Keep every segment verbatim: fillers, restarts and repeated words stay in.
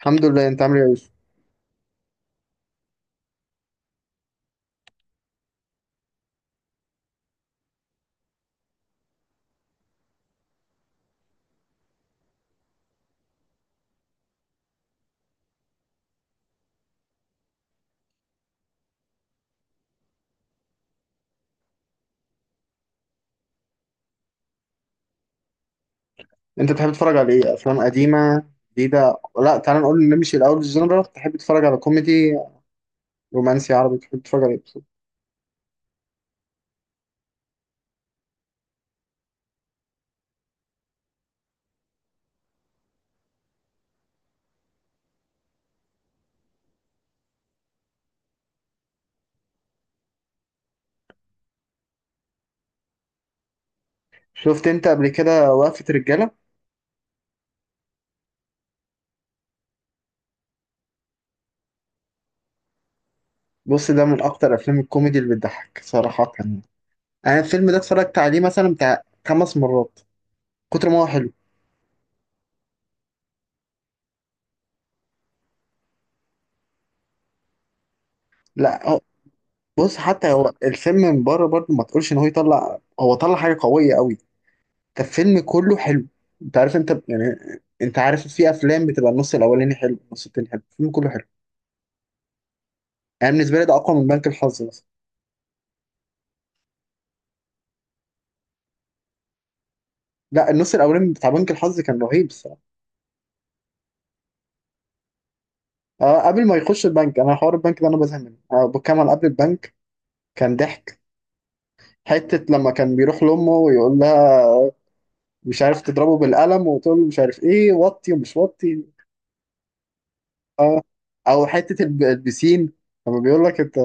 الحمد لله، انت عامل ايه يا يوسف؟ انت بتحب تتفرج على ايه؟ افلام قديمه، جديده؟ لا، تعال نقول نمشي الاول الجنرال. تحب تتفرج على كوميدي، رومانسي، عربي؟ تحب تتفرج على ايه بالظبط؟ شفت انت قبل كده وقفه رجاله؟ بص، ده من اكتر افلام الكوميدي اللي بتضحك صراحه يعني. انا الفيلم ده اتفرجت عليه مثلا بتاع خمس مرات، كتر ما هو حلو. لا هو- بص، حتى هو الفيلم من بره برضه ما تقولش ان هو يطلع، هو طلع حاجه قويه قوي، كان فيلم كله حلو. انت عارف انت يعني، انت عارف في افلام بتبقى النص الاولاني حلو، النص التاني حلو، الفيلم كله حلو. انا بالنسبه لي ده اقوى من بنك الحظ مثلا. لا، النص الاولاني بتاع بنك الحظ كان رهيب الصراحه. آه، قبل ما يخش البنك، انا حوار البنك ده انا بزهق منه، آه بكمل قبل البنك. كان ضحك حته لما كان بيروح لامه ويقول لها، مش عارف، تضربه بالقلم وتقول له مش عارف ايه، وطي ومش وطي. اه، او حته الب- البسين لما بيقول لك انت.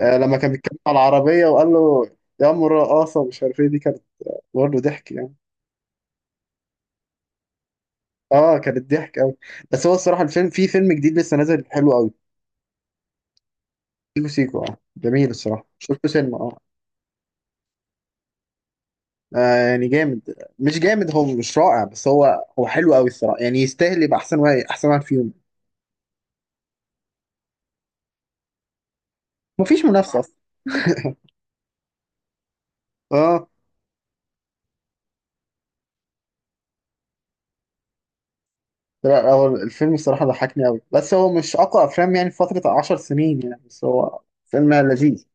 آه، لما كان بيتكلم على العربيه وقال له يا ام الرقاصه مش عارف ايه، دي كانت برضه ضحك يعني. اه، كانت ضحك قوي. بس هو الصراحه الفيلم، في فيلم جديد لسه نازل حلو قوي، سيكو سيكو. اه جميل الصراحه، شفته سينما، اه. آه، يعني جامد مش جامد، هو مش رائع بس هو هو حلو قوي الصراحه يعني. يستاهل يبقى احسن واحد، احسن واحد فيهم. مفيش منافسه اصلا. اه. لا هو الفيلم الصراحه ضحكني قوي، بس هو مش اقوى افلام يعني في فتره 10 سنين يعني. بس هو فيلم لذيذ.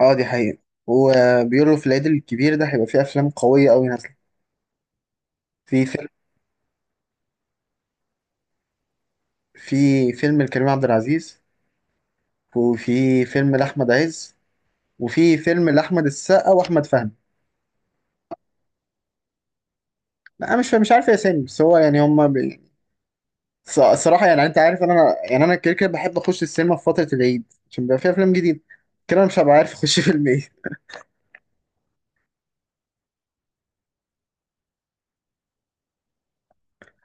اه، دي حقيقه. وبيقولوا في العيد الكبير ده هيبقى فيه افلام قويه قوي نازله. في فيلم في فيلم لكريم عبد العزيز، وفي فيلم لأحمد عز، وفي فيلم لأحمد السقا وأحمد فهمي. لا أنا مش مش عارف يا اسامي، بس هو يعني هما بي... ص- صراحة يعني أنت عارف، أنا يعني أنا كده كده بحب أخش السينما في فترة العيد، عشان بيبقى فيها أفلام جديدة. كده أنا مش هبقى عارف أخش فيلم إيه.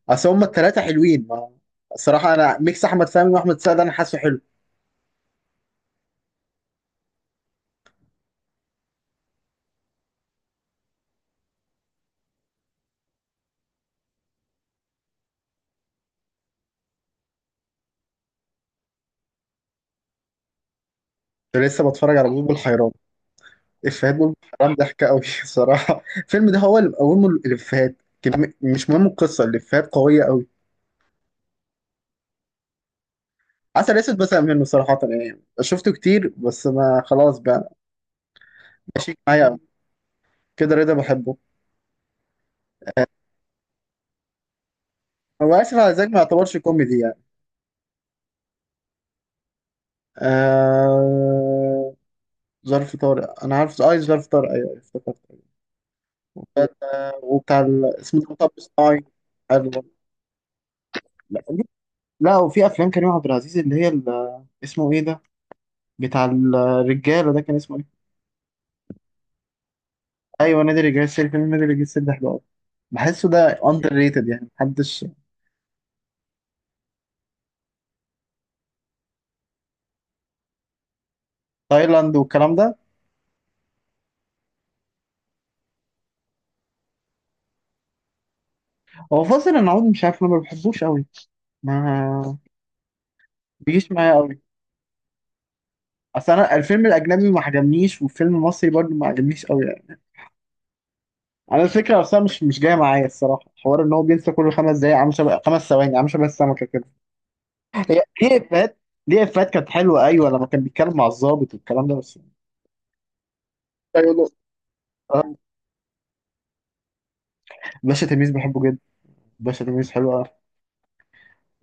أصل هما التلاتة حلوين، ما... الصراحة أنا ميكس أحمد فهمي وأحمد السقا ده أنا حاسه حلو. كنت لسه بتفرج على بلبل حيران، إفيهات بلبل حيران ضحكة أوي. الصراحة الفيلم ده هو اللي مقومه الإفيهات. كم- مش مهم القصة، الإفيهات قوية أوي. عسل اسود بزهق منه صراحة، يعني شفته كتير بس ما خلاص بقى. ماشي معايا أوي. كده رضا بحبه. هو آسف على الإزعاج ما يعتبرش كوميدي يعني. آه... ظرف طارق أنا عارف أي ظرف طارق، أيوه أيوه افتكرت. آه، وبتاع ال... اسمه ده مطب صناعي. حلو. لا، لا وفي أفلام كريم عبد العزيز اللي هي ال... اسمه إيه ده، بتاع الرجالة ده كان اسمه إيه؟ أيوه، نادي الرجال السري. فيلم نادي الرجال السري ده حلو أوي. بحسه ده أندر ريتد، يعني محدش. تايلاند والكلام ده. هو فاصل العود مش عارف، انا ما بحبوش قوي، ما بيجيش معايا قوي. اصل انا الفيلم الاجنبي ما عجبنيش، والفيلم المصري برضه ما عجبنيش قوي يعني. انا الفكره اصلا مش مش جايه معايا الصراحه، حوار ان هو بينسى كل خمس دقايق، عامل شبه خمس ثواني، عامل شبه السمكه كده. هي ليه افيهات؟ ليه افيهات كانت حلوه، ايوه لما كان بيتكلم مع الضابط والكلام ده بس. ايوه. لا. آه. باشا تلميذ بحبه جدا، باشا تلميذ حلو قوي.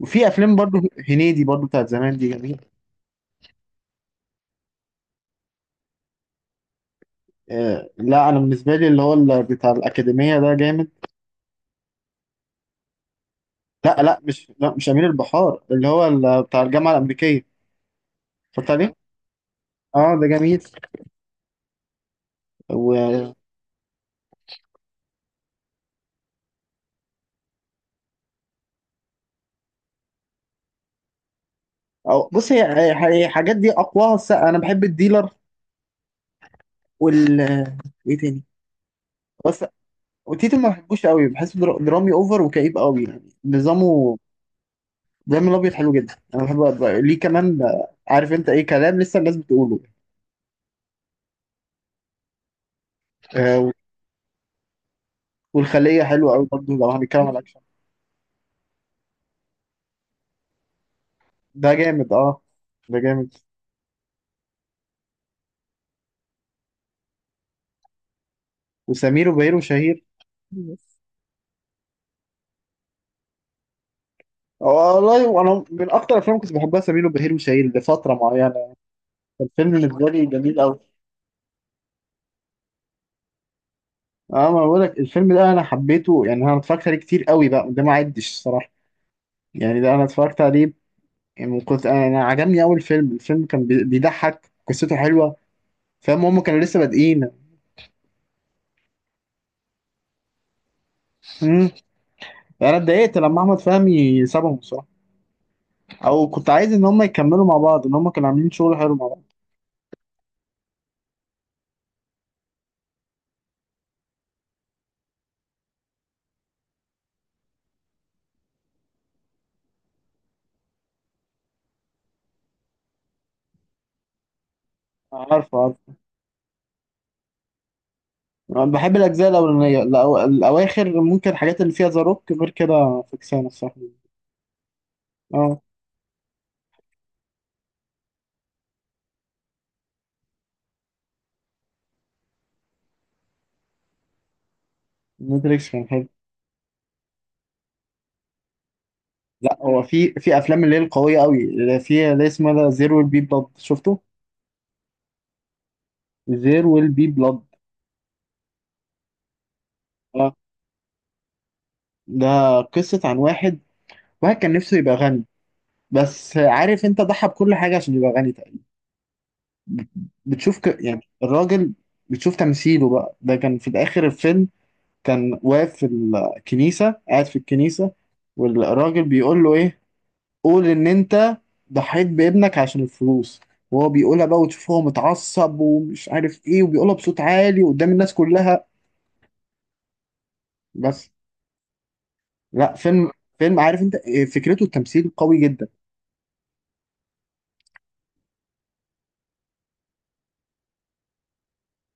وفي افلام برضه هنيدي برضه بتاعت زمان دي جميله. آه، لا انا بالنسبه لي اللي هو ال- بتاع الاكاديميه ده جامد. لا لا مش، لا مش امير البحار، اللي هو ال- بتاع الجامعه الامريكيه. اتفرجت عليه. اه ده جميل. و، أو بص، هي هي- الحاجات دي اقواها الس- انا بحب الديلر وال، ايه تاني بس. وتيتو ما بحبوش قوي، بحسه در- درامي اوفر وكئيب قوي يعني نظامه. دايما الابيض حلو جدا، انا بحب أبقى- ليه كمان، آه، عارف انت ايه كلام لسه الناس بتقوله. آه، والخليه حلوه قوي برضه لو هنتكلم على الاكشن. ده جامد، اه ده جامد. وسمير وبهير وشهير. والله وانا من اكتر الافلام كنت بحبها سمير وبهير وشهير لفتره معينه، الفيلم بالنسبه لي جميل قوي. اه ما بقول لك، الفيلم ده انا حبيته يعني، انا اتفرجت عليه كتير قوي بقى ده، ما عدش الصراحه يعني. ده انا اتفرجت عليه يعني. كنت انا، أنا عجبني اول فيلم، الفيلم كان بي- بيضحك، قصته حلوه. فاهم هم كانوا لسه بادئين. امم انا اتضايقت لما احمد فهمي سابهم الصراحه، او كنت عايز ان هم يكملوا مع بعض، ان هم كانوا عاملين شغل حلو مع بعض. عارف عارف. أنا بحب الأجزاء الأولانية، الأو- الأواخر ممكن الحاجات اللي فيها ذا روك، غير كده فكسانة الصراحة. اه. ماتريكس كان حلو. لا هو في في أفلام اللي هي القوية أوي اللي فيها اللي اسمها ده زير ويل بي بلاد، شفته؟ زير ويل بي بلاد، اه. ده قصة عن واحد، واحد كان نفسه يبقى غني، بس عارف انت ضحى بكل حاجة عشان يبقى غني تقريبا. بتشوف ك... يعني الراجل، بتشوف تمثيله بقى، ده كان في الآخر الفيلم، كان واقف في الكنيسة، قاعد في الكنيسة، والراجل بيقول له ايه، قول ان انت ضحيت بابنك عشان الفلوس، وهو بيقولها بقى، وتشوفه هو متعصب ومش عارف ايه، وبيقولها بصوت عالي قدام الناس كلها. بس. لا، فيلم فيلم عارف انت إيه، فكرته التمثيل قوي جدا.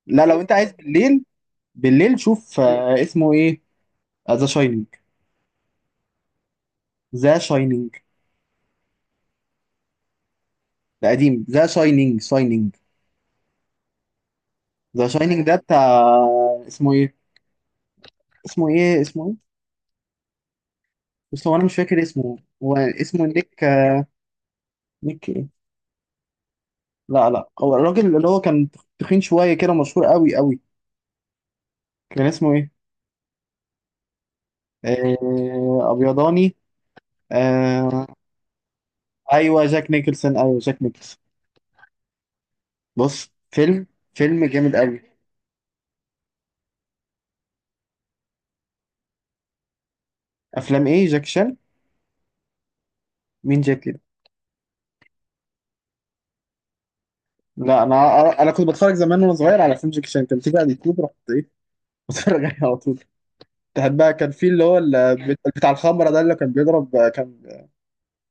لا لو انت عايز بالليل، بالليل شوف، آه، اسمه ايه، ذا شاينينج. ذا شاينينج ده قديم، ذا شاينينج، شاينينج، ذا شاينينج ده بتاع، اسمه ايه، اسمه ايه، اسمه ايه، بس هو انا مش فاكر اسمه، هو اسمه نيك، آه، نيك إيه؟ لا لا، هو الراجل اللي هو كان تخين شوية كده، مشهور قوي قوي، كان اسمه ايه؟ آه أبيضاني. آه. أيوه جاك نيكلسون، أيوه جاك نيكلسون. بص فيلم، فيلم جامد قوي. أفلام ايه جاك شان؟ مين جاك كده؟ لا أنا، أنا كنت بتفرج زمان وأنا صغير على فيلم جاك شان، كان بتيجي على اليوتيوب، رحت ايه بتفرج عليه على طول. تحب بقى كان في اللي هو ال- بتاع الخمرة ده اللي كان بيضرب، كان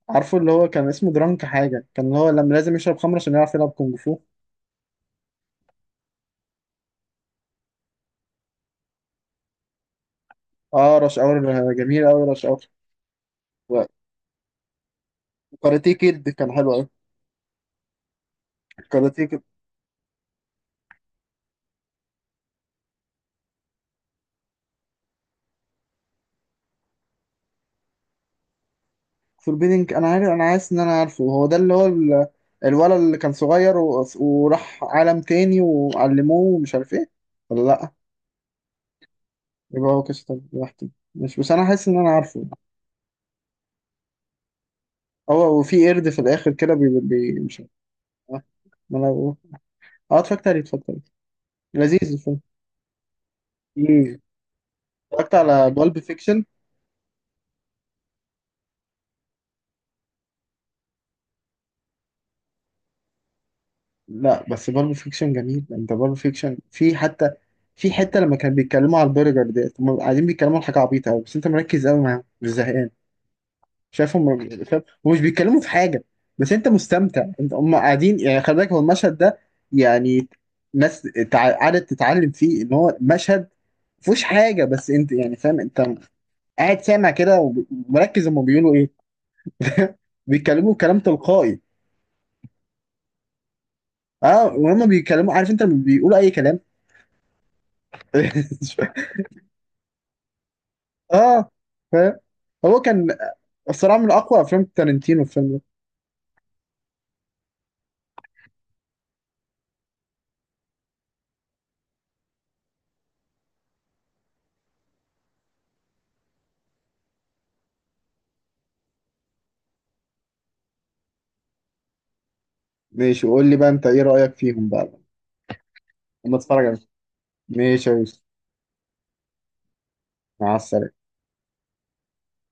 عارفه اللي هو كان اسمه درانك حاجة، كان اللي هو لما لازم يشرب خمرة عشان يعرف يلعب كونج فو. اه، رش اور، جميل قوي رش اور. وكاراتيه كيد كان حلو قوي. كاراتيه كيد. فوربيدنج انا عارف، انا عايز ان انا عارفه، هو ده اللي هو ال- الولد اللي كان صغير و... وراح عالم تاني وعلموه ومش عارف ايه؟ ولا لا، يبقى هو كسر لوحدي مش، بس انا حاسس ان انا عارفه. هو وفي قرد في الاخر كده بي... بي... مش عارف، اه، ما أنا بقول. آه، اتفرجت عليه، اتفرجت عليه، لذيذ الفيلم. مم. اتفرجت على بالب فيكشن. لا بس بالب فيكشن جميل، انت بالب فيكشن في حتى، في حته لما كانوا بيتكلموا على البرجر ديت، هم قاعدين بيتكلموا على حاجه عبيطه قوي، بس انت مركز قوي معاهم مش زهقان. شايفهم شايف، ومش بيتكلموا في حاجه، بس انت مستمتع. انت هم قاعدين يعني، خلي بالك هو المشهد ده يعني، ناس تع- قعدت تتعلم فيه ان هو مشهد مفهوش حاجه، بس انت يعني فاهم، انت قاعد سامع كده وب- ومركز هم بيقولوا ايه. بيتكلموا كلام تلقائي. اه، وهم بيتكلموا عارف انت لما بيقولوا اي كلام. اه فاهم. هو كان الصراحه من اقوى افلام تارنتينو الفيلم ده. ماشي، وقول لي بقى انت ايه رايك فيهم بقى لما اتفرج عليهم. ماشي يا يوسف، مع السلامه